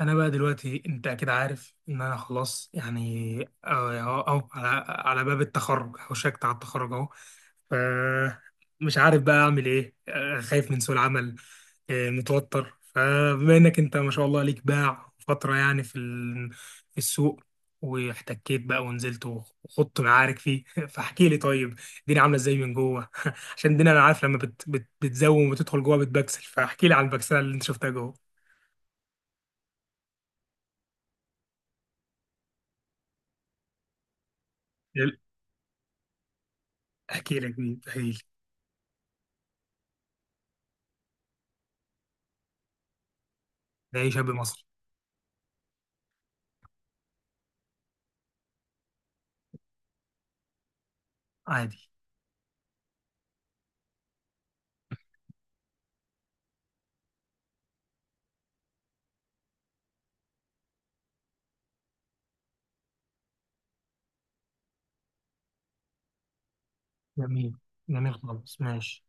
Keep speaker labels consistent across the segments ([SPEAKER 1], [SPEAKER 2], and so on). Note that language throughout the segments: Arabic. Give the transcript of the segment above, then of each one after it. [SPEAKER 1] انا بقى دلوقتي، انت اكيد عارف ان انا خلاص يعني اهو. أهو على باب التخرج، هوشكت على التخرج اهو. ف مش عارف بقى اعمل ايه. خايف من سوق العمل، متوتر. فبما انك انت ما شاء الله ليك باع فترة يعني في في السوق، واحتكيت بقى ونزلت وخضت معارك فيه فاحكي لي طيب الدنيا عامله ازاي من جوه؟ عشان الدنيا انا عارف لما بت بت بتزوم وتدخل جوه بتبكسل، فاحكي لي عن البكسله اللي انت شفتها جوه. احكي لك دي، تخيل. ده أي شاب مصري. عادي. جميل، جميل خالص، ماشي.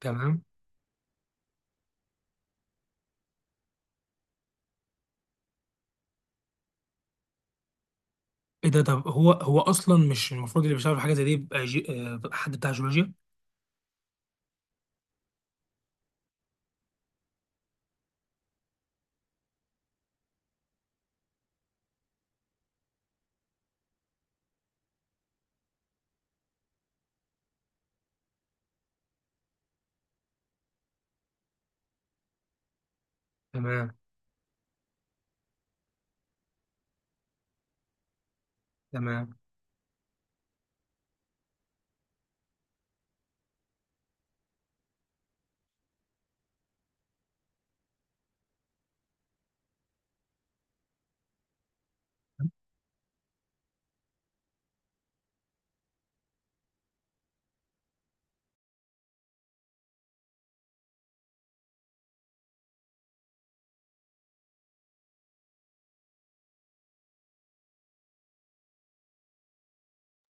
[SPEAKER 1] تمام. ايه ده؟ طب هو اصلا مش المفروض اللي بيشتغل في حاجه زي دي يبقى جي... آه، حد بتاع جيولوجيا؟ تمام، تمام.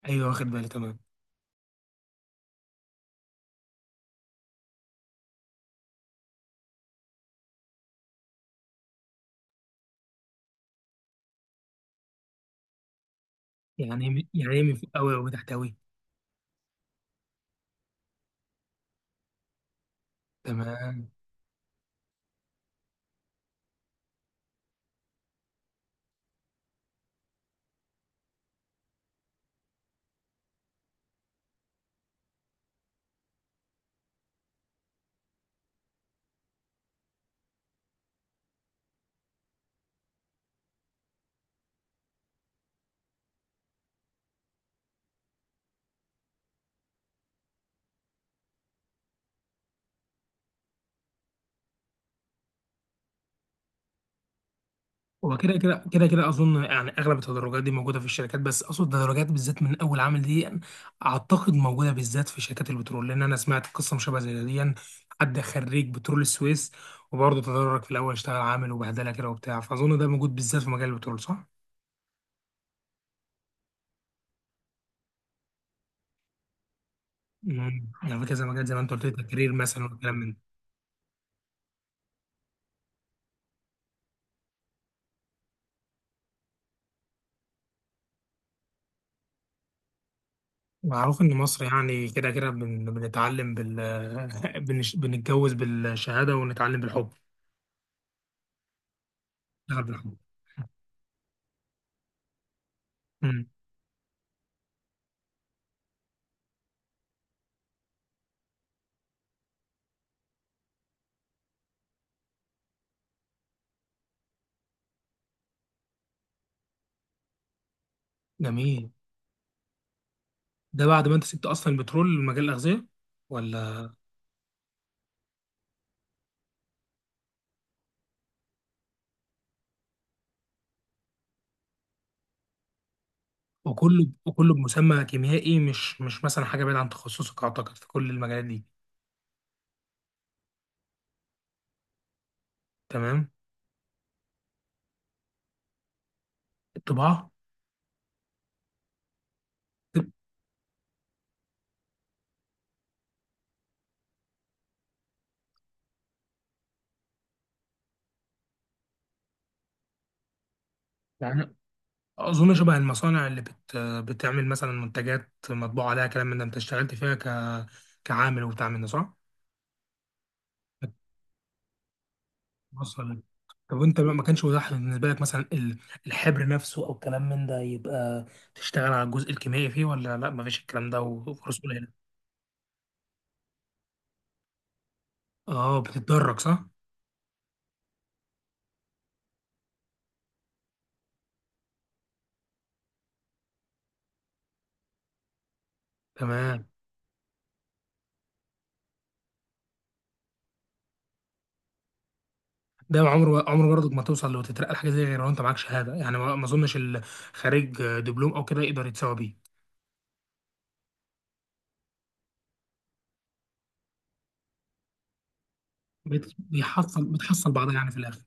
[SPEAKER 1] ايوه، واخد بالي، تمام. يعني ايه من فوق قوي وتحت قوي؟ تمام. هو كده اظن يعني اغلب التدرجات دي موجوده في الشركات، بس اقصد التدرجات بالذات من اول عامل دي، يعني اعتقد موجوده بالذات في شركات البترول، لان انا سمعت قصه مشابهه زي دي يعني. حد خريج بترول السويس، وبرضه تدرج في الاول اشتغل عامل وبهدله كده وبتاع، فاظن ده موجود بالذات في مجال البترول، صح؟ يعني في كذا مجال زي ما انت قلت لي، تكرير مثلا والكلام من ده. معروف ان مصر يعني كده بنتعلم بنتجوز بالشهاده ونتعلم بالحب. نشتغل بالحب. امم. جميل. ده بعد ما انت سبت اصلا البترول ومجال الاغذيه، ولا؟ وكله بمسمى كيميائي، مش مثلا حاجه بعيده عن تخصصك، اعتقد، في كل المجالات دي. تمام. الطباعه. يعني اظن شبه المصانع اللي بتعمل مثلا منتجات مطبوع عليها كلام من ده، انت اشتغلت فيها كعامل وبتاع من ده، صح؟ وصل. طب وانت بقى ما كانش متاح بالنسبه لك مثلا الحبر نفسه او كلام من ده، يبقى تشتغل على الجزء الكيميائي فيه، ولا لا، ما فيش الكلام ده وفرص قليله؟ اه، بتتدرج، صح؟ تمام. ده عمره، عمره برضك ما توصل لو تترقى لحاجه زي، غير لو انت معاك شهاده، يعني ما اظنش اللي خارج دبلوم او كده يقدر يتساوى بيه. بتحصل بعضها يعني في الاخر.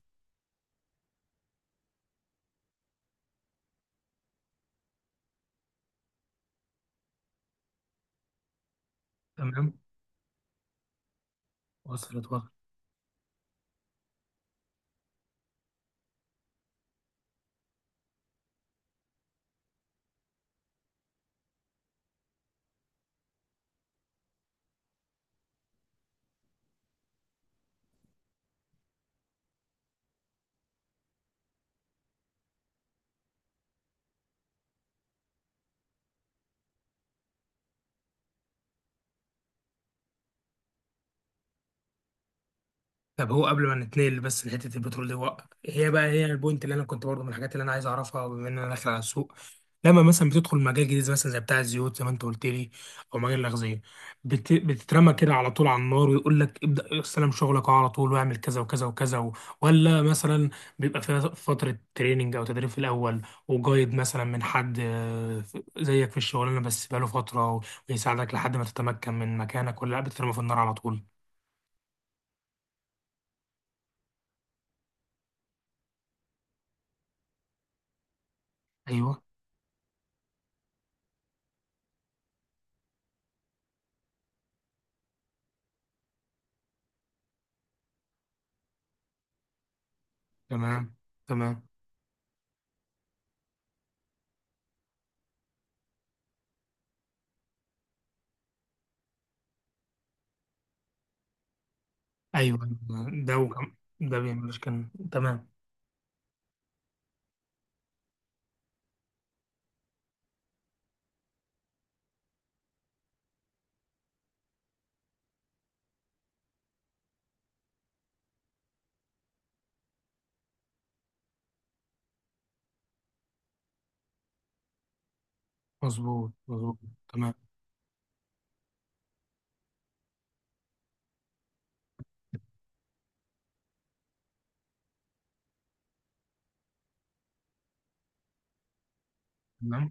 [SPEAKER 1] تمام، وصلت، وصلت. طب هو قبل ما نتنقل بس لحته البترول دي، هي بقى هي البوينت اللي انا كنت برضه من الحاجات اللي انا عايز اعرفها، بما ان انا داخل على السوق. لما مثلا بتدخل مجال جديد مثلا زي بتاع الزيوت زي ما انت قلت لي، او مجال الاغذيه، بتترمى كده على طول على النار ويقول لك ابدا، استلم شغلك على طول واعمل كذا وكذا وكذا و، ولا مثلا بيبقى فيها فتره تريننج او تدريب في الاول، وجايد مثلا من حد زيك في الشغلانه بس بقاله فتره، ويساعدك لحد ما تتمكن من مكانك، ولا لا بتترمى في النار على طول؟ ايوه. تمام، تمام. ايوه. ده وكم. ده بيعمل كان تمام. مظبوط، مظبوط. تمام. تمام.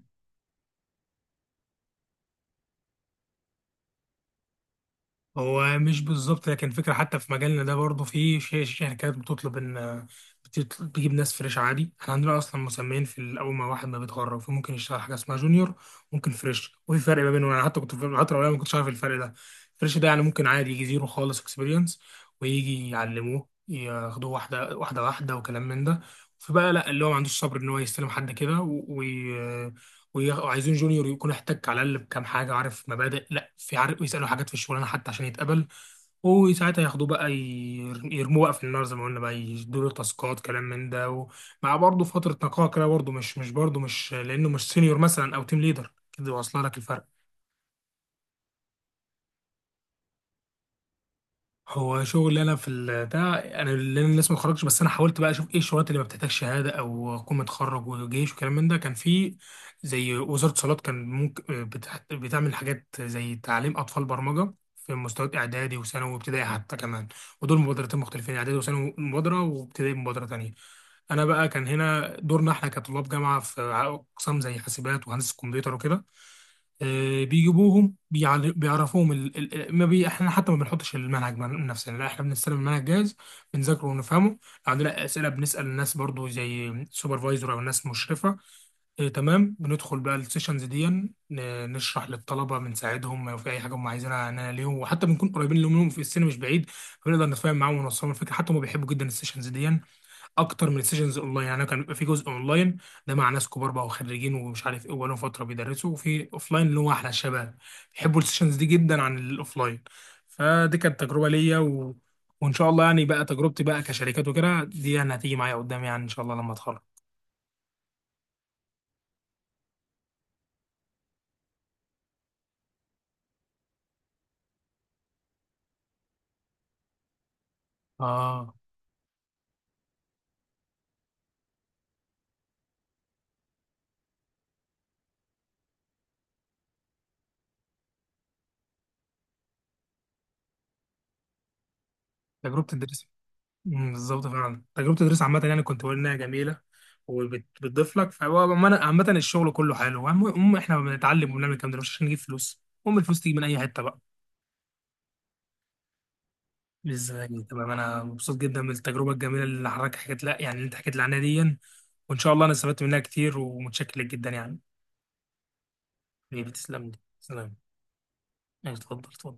[SPEAKER 1] هو مش بالظبط، لكن فكرة. حتى في مجالنا ده برضه في شركات بتطلب ان بتجيب ناس فريش عادي. احنا عندنا اصلا مسميين في اول ما واحد ما بيتخرج، فممكن يشتغل حاجه اسمها جونيور، ممكن فريش، وفي فرق ما بينهم. انا حتى كنت في الفتره الاولى ما كنتش عارف الفرق ده. فريش ده يعني ممكن عادي يجي زيرو خالص اكسبيرينس، ويجي يعلموه، ياخدوه واحده واحده واحده وكلام من ده. فبقى لا، اللي هو ما عندوش صبر ان هو يستلم حد كده، وعايزين جونيور يكون احتك على الاقل بكام حاجه، عارف مبادئ، لا، في عارف يسالوا حاجات في الشغلانه حتى عشان يتقبل. وساعتها ياخدوه بقى، يرموه بقى في النار زي ما قلنا بقى، يدوا له تاسكات كلام من ده، ومع برضه فتره نقاهه كده برضه. مش برضه، مش لانه مش سينيور مثلا او تيم ليدر. كده واصله لك الفرق؟ هو شغلي انا في ده. انا لأن لسه ما اتخرجتش، بس انا حاولت بقى اشوف ايه الشغلات اللي ما بتحتاجش شهاده او اكون متخرج وجيش وكلام من ده. كان في زي وزاره اتصالات، كان ممكن بتعمل حاجات زي تعليم اطفال برمجه في مستويات اعدادي وثانوي وابتدائي حتى كمان. ودول مبادرتين مختلفين، اعدادي وثانوي مبادره وابتدائي مبادره تانيه. انا بقى كان هنا دورنا احنا كطلاب جامعه في اقسام زي حاسبات وهندسه كمبيوتر وكده. بيجيبوهم، بيعرفوهم ال... ال... ما بي... احنا حتى ما بنحطش المنهج من نفسنا، لا، احنا بنستلم المنهج جاهز، بنذاكره ونفهمه. لو عندنا اسئله بنسال الناس برضو زي سوبرفايزر او ناس مشرفه. اه، تمام. بندخل بقى السيشنز دي، نشرح للطلبه، بنساعدهم لو في اي حاجه هم عايزينها، انا ليهم، وحتى بنكون قريبين لهم في السن مش بعيد، فبنقدر نتفاهم معاهم ونوصلهم الفكره. حتى هم بيحبوا جدا السيشنز دي اكتر من السيشنز اونلاين. يعني كان بيبقى في جزء اونلاين، ده مع ناس كبار بقى وخريجين ومش عارف ايه وبقالهم فتره بيدرسوا، وفي اوفلاين اللي هو احلى. الشباب بيحبوا السيشنز دي جدا عن الاوفلاين. فدي كانت تجربه ليا و، وان شاء الله يعني بقى تجربتي بقى كشركات وكده دي يعني هتيجي معايا قدام يعني ان شاء الله لما اتخرج. اه، تجربه الدرس. بالظبط، فعلا تجربه الدرس عامه يعني، كنت بقول انها جميله وبتضيف لك. فهو عامة الشغل كله حلو. المهم احنا بنتعلم وبنعمل الكلام ده مش عشان نجيب فلوس، المهم الفلوس تيجي من اي حته بقى. ازاي. تمام، انا مبسوط جدا بالتجربه الجميله اللي حضرتك حكيت، لا يعني اللي انت حكيت لي عنها دي. وان شاء الله انا استفدت منها كتير، ومتشكر لك جدا يعني. حبيبي، تسلم لي، سلام. اتفضل، اتفضل.